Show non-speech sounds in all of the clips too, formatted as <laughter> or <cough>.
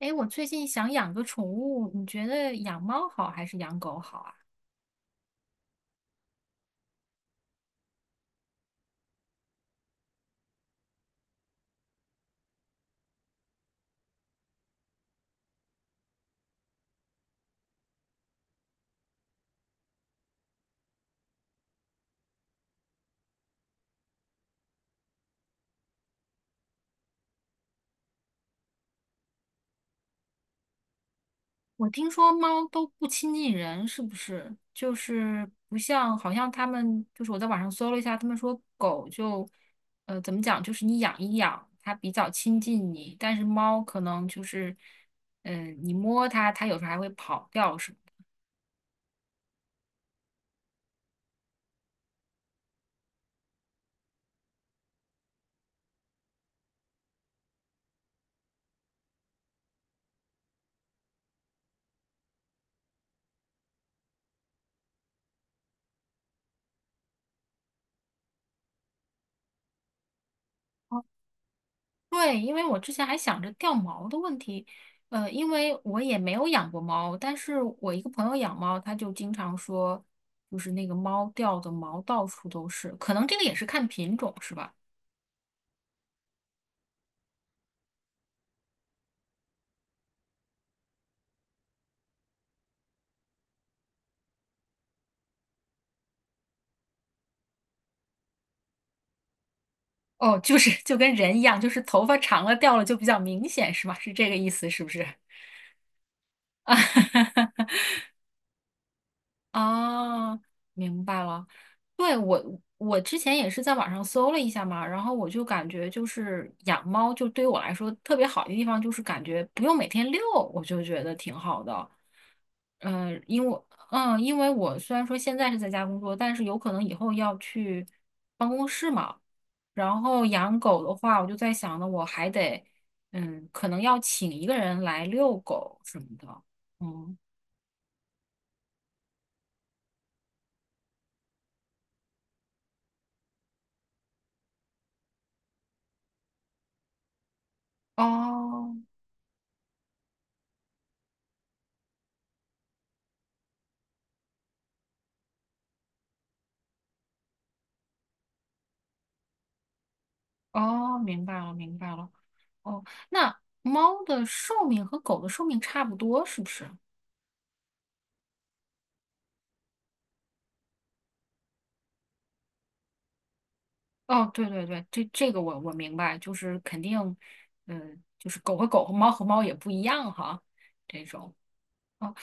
哎，我最近想养个宠物，你觉得养猫好还是养狗好啊？我听说猫都不亲近人，是不是？就是不像，好像他们，就是我在网上搜了一下，他们说狗就，怎么讲，就是你养一养，它比较亲近你，但是猫可能就是，你摸它，它有时候还会跑掉什么的。对，因为我之前还想着掉毛的问题，因为我也没有养过猫，但是我一个朋友养猫，他就经常说，就是那个猫掉的毛到处都是，可能这个也是看品种是吧？哦，就是 <laughs> 就跟人一样，就是头发长了掉了就比较明显是吧？是这个意思是不是？<laughs> 啊，明白了。对，我之前也是在网上搜了一下嘛，然后我就感觉就是养猫，就对于我来说特别好的地方就是感觉不用每天遛，我就觉得挺好的。嗯，呃因为因为我虽然说现在是在家工作，但是有可能以后要去办公室嘛。然后养狗的话，我就在想呢，我还得可能要请一个人来遛狗什么的。嗯，哦。哦，明白了，明白了。哦，那猫的寿命和狗的寿命差不多，是不是？哦，对对对，这个我明白，就是肯定，嗯、就是狗和狗和猫和猫也不一样哈，这种。哦，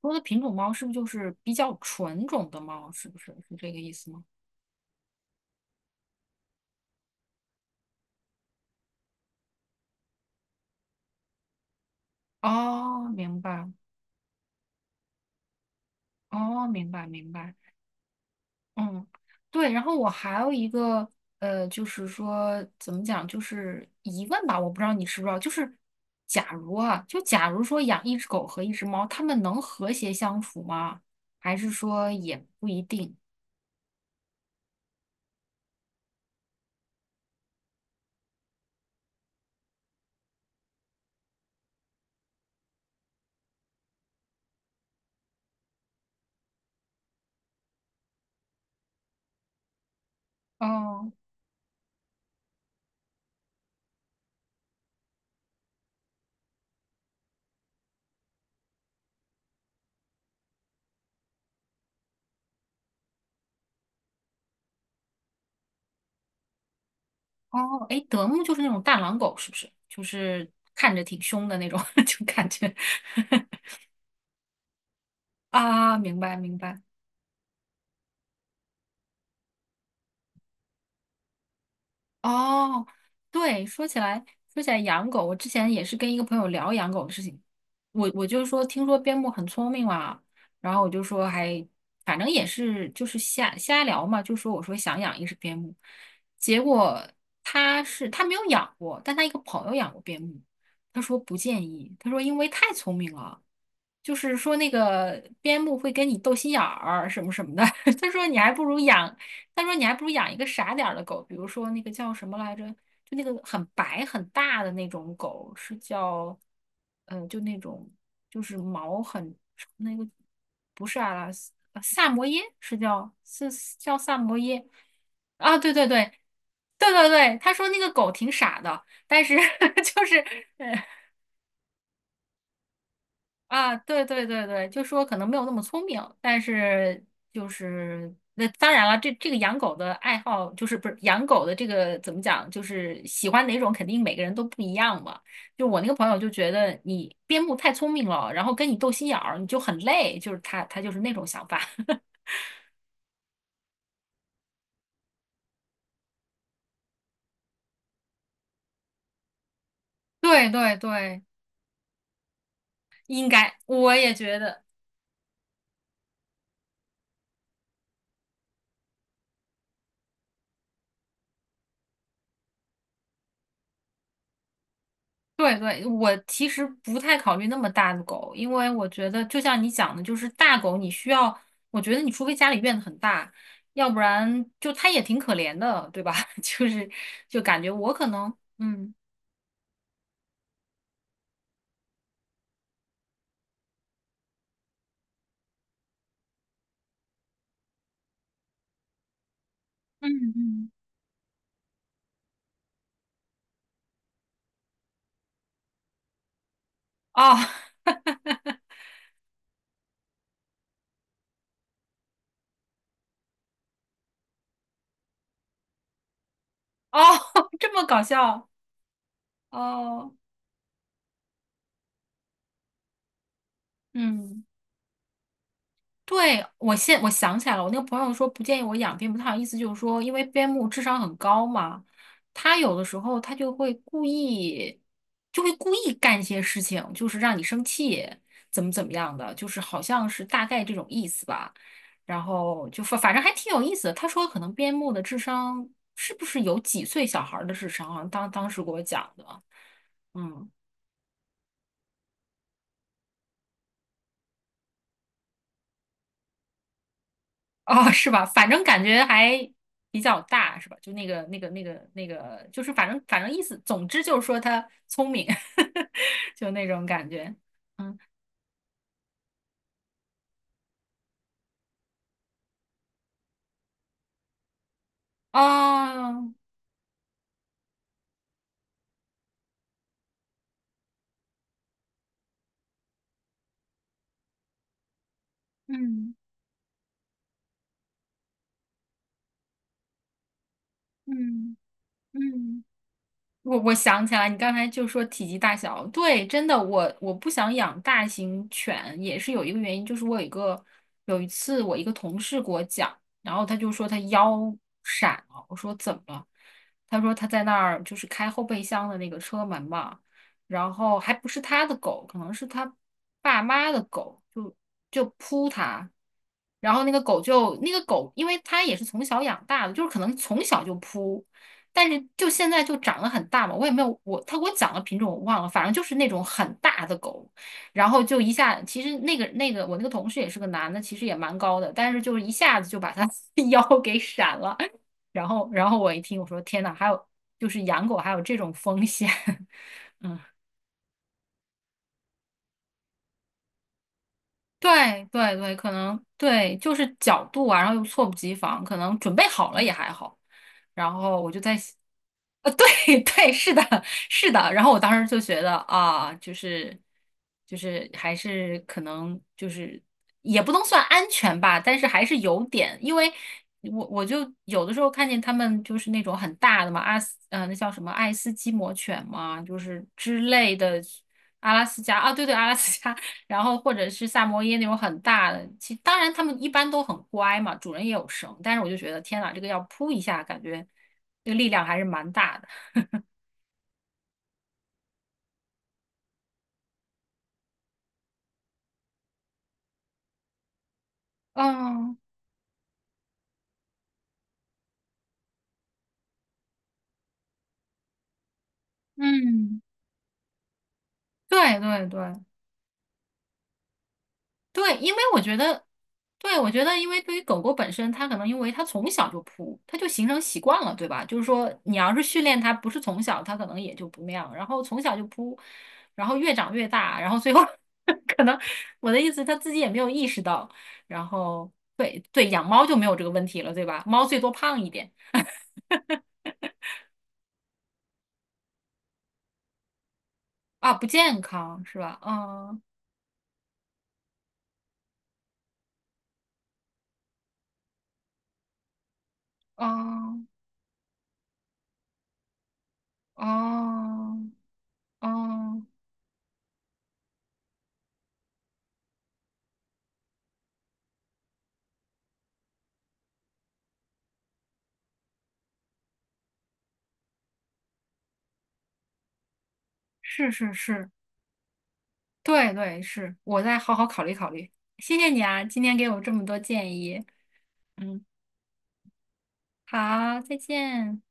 说的品种猫是不是就是比较纯种的猫？是不是是这个意思吗？哦，明白，哦，明白，明白。嗯，对，然后我还有一个就是说怎么讲，就是疑问吧，我不知道你知不知道，就是假如啊，就假如说养一只狗和一只猫，它们能和谐相处吗？还是说也不一定？哦哦，哎，德牧就是那种大狼狗，是不是？就是看着挺凶的那种，<laughs> 就感觉 <laughs> 啊，明白明白。哦，对，说起来养狗，我之前也是跟一个朋友聊养狗的事情，我就说听说边牧很聪明嘛，然后我就说还反正也是就是瞎聊嘛，就说我说想养一只边牧，结果他没有养过，但他一个朋友养过边牧，他说不建议，他说因为太聪明了。就是说那个边牧会跟你斗心眼儿什么什么的。<laughs> 他说你还不如养，他说你还不如养一个傻点儿的狗，比如说那个叫什么来着，就那个很白很大的那种狗，是叫，就那种就是毛很那个不是阿拉斯，呃萨摩耶是叫是是叫萨摩耶啊，对对对。对对对，他说那个狗挺傻的，但是 <laughs> 就是 <laughs> 啊，对对对对，就说可能没有那么聪明，但是就是那当然了，这个养狗的爱好就是不是养狗的这个怎么讲，就是喜欢哪种肯定每个人都不一样嘛。就我那个朋友就觉得你边牧太聪明了，然后跟你斗心眼儿，你就很累，就是他就是那种想法。<laughs> 对对对，应该我也觉得。对对，我其实不太考虑那么大的狗，因为我觉得就像你讲的，就是大狗你需要，我觉得你除非家里院子很大，要不然就它也挺可怜的，对吧？<laughs> 就是就感觉我可能，嗯嗯嗯，哦 <laughs> 哦，<laughs> 这么搞笑哦，嗯。对，我想起来了，我那个朋友说不建议我养边牧，他好像意思就是说，因为边牧智商很高嘛，他有的时候他就会故意，就会故意干一些事情，就是让你生气，怎么怎么样的，就是好像是大概这种意思吧。然后就反正还挺有意思的。他说可能边牧的智商是不是有几岁小孩儿的智商啊？当时给我讲的，嗯。哦，是吧？反正感觉还比较大，是吧？就那个，就是反正意思，总之就是说他聪明，<laughs> 就那种感觉。嗯，哦，嗯嗯嗯。我想起来，你刚才就说体积大小，对，真的，我不想养大型犬，也是有一个原因，就是我有一个有一次我一个同事给我讲，然后他就说他腰闪了，我说怎么了？他说他在那儿就是开后备箱的那个车门嘛，然后还不是他的狗，可能是他爸妈的狗，就扑他，然后那个狗就那个狗，因为他也是从小养大的，就是可能从小就扑。但是就现在就长得很大嘛，我也没有我他给我讲的品种我忘了，反正就是那种很大的狗，然后就一下，其实那个我那个同事也是个男的，其实也蛮高的，但是就是一下子就把他 <laughs> 腰给闪了，然后我一听我说天呐，还有就是养狗还有这种风险，<laughs> 嗯。对对对，可能对，就是角度啊，然后又猝不及防，可能准备好了也还好。然后我就在想，对 <laughs> 对，是的，是的。然后我当时就觉得啊，就是还是可能就是也不能算安全吧，但是还是有点，因为我就有的时候看见他们就是那种很大的嘛，那叫什么爱斯基摩犬嘛，就是之类的。阿拉斯加啊，对对，阿拉斯加，然后或者是萨摩耶那种很大的，当然他们一般都很乖嘛，主人也有绳，但是我就觉得天呐，这个要扑一下，感觉这个力量还是蛮大的。嗯嗯，对对对，对，因为我觉得，对，我觉得，因为对于狗狗本身，它可能因为它从小就扑，它就形成习惯了，对吧？就是说，你要是训练它，不是从小，它可能也就不那样，然后从小就扑，然后越长越大，然后最后 <laughs> 可能我的意思，它自己也没有意识到，然后对对，养猫就没有这个问题了，对吧？猫最多胖一点啊，不健康是吧？嗯嗯嗯嗯，是是是。对对，是，我再好好考虑考虑。谢谢你啊，今天给我这么多建议。嗯，好，再见。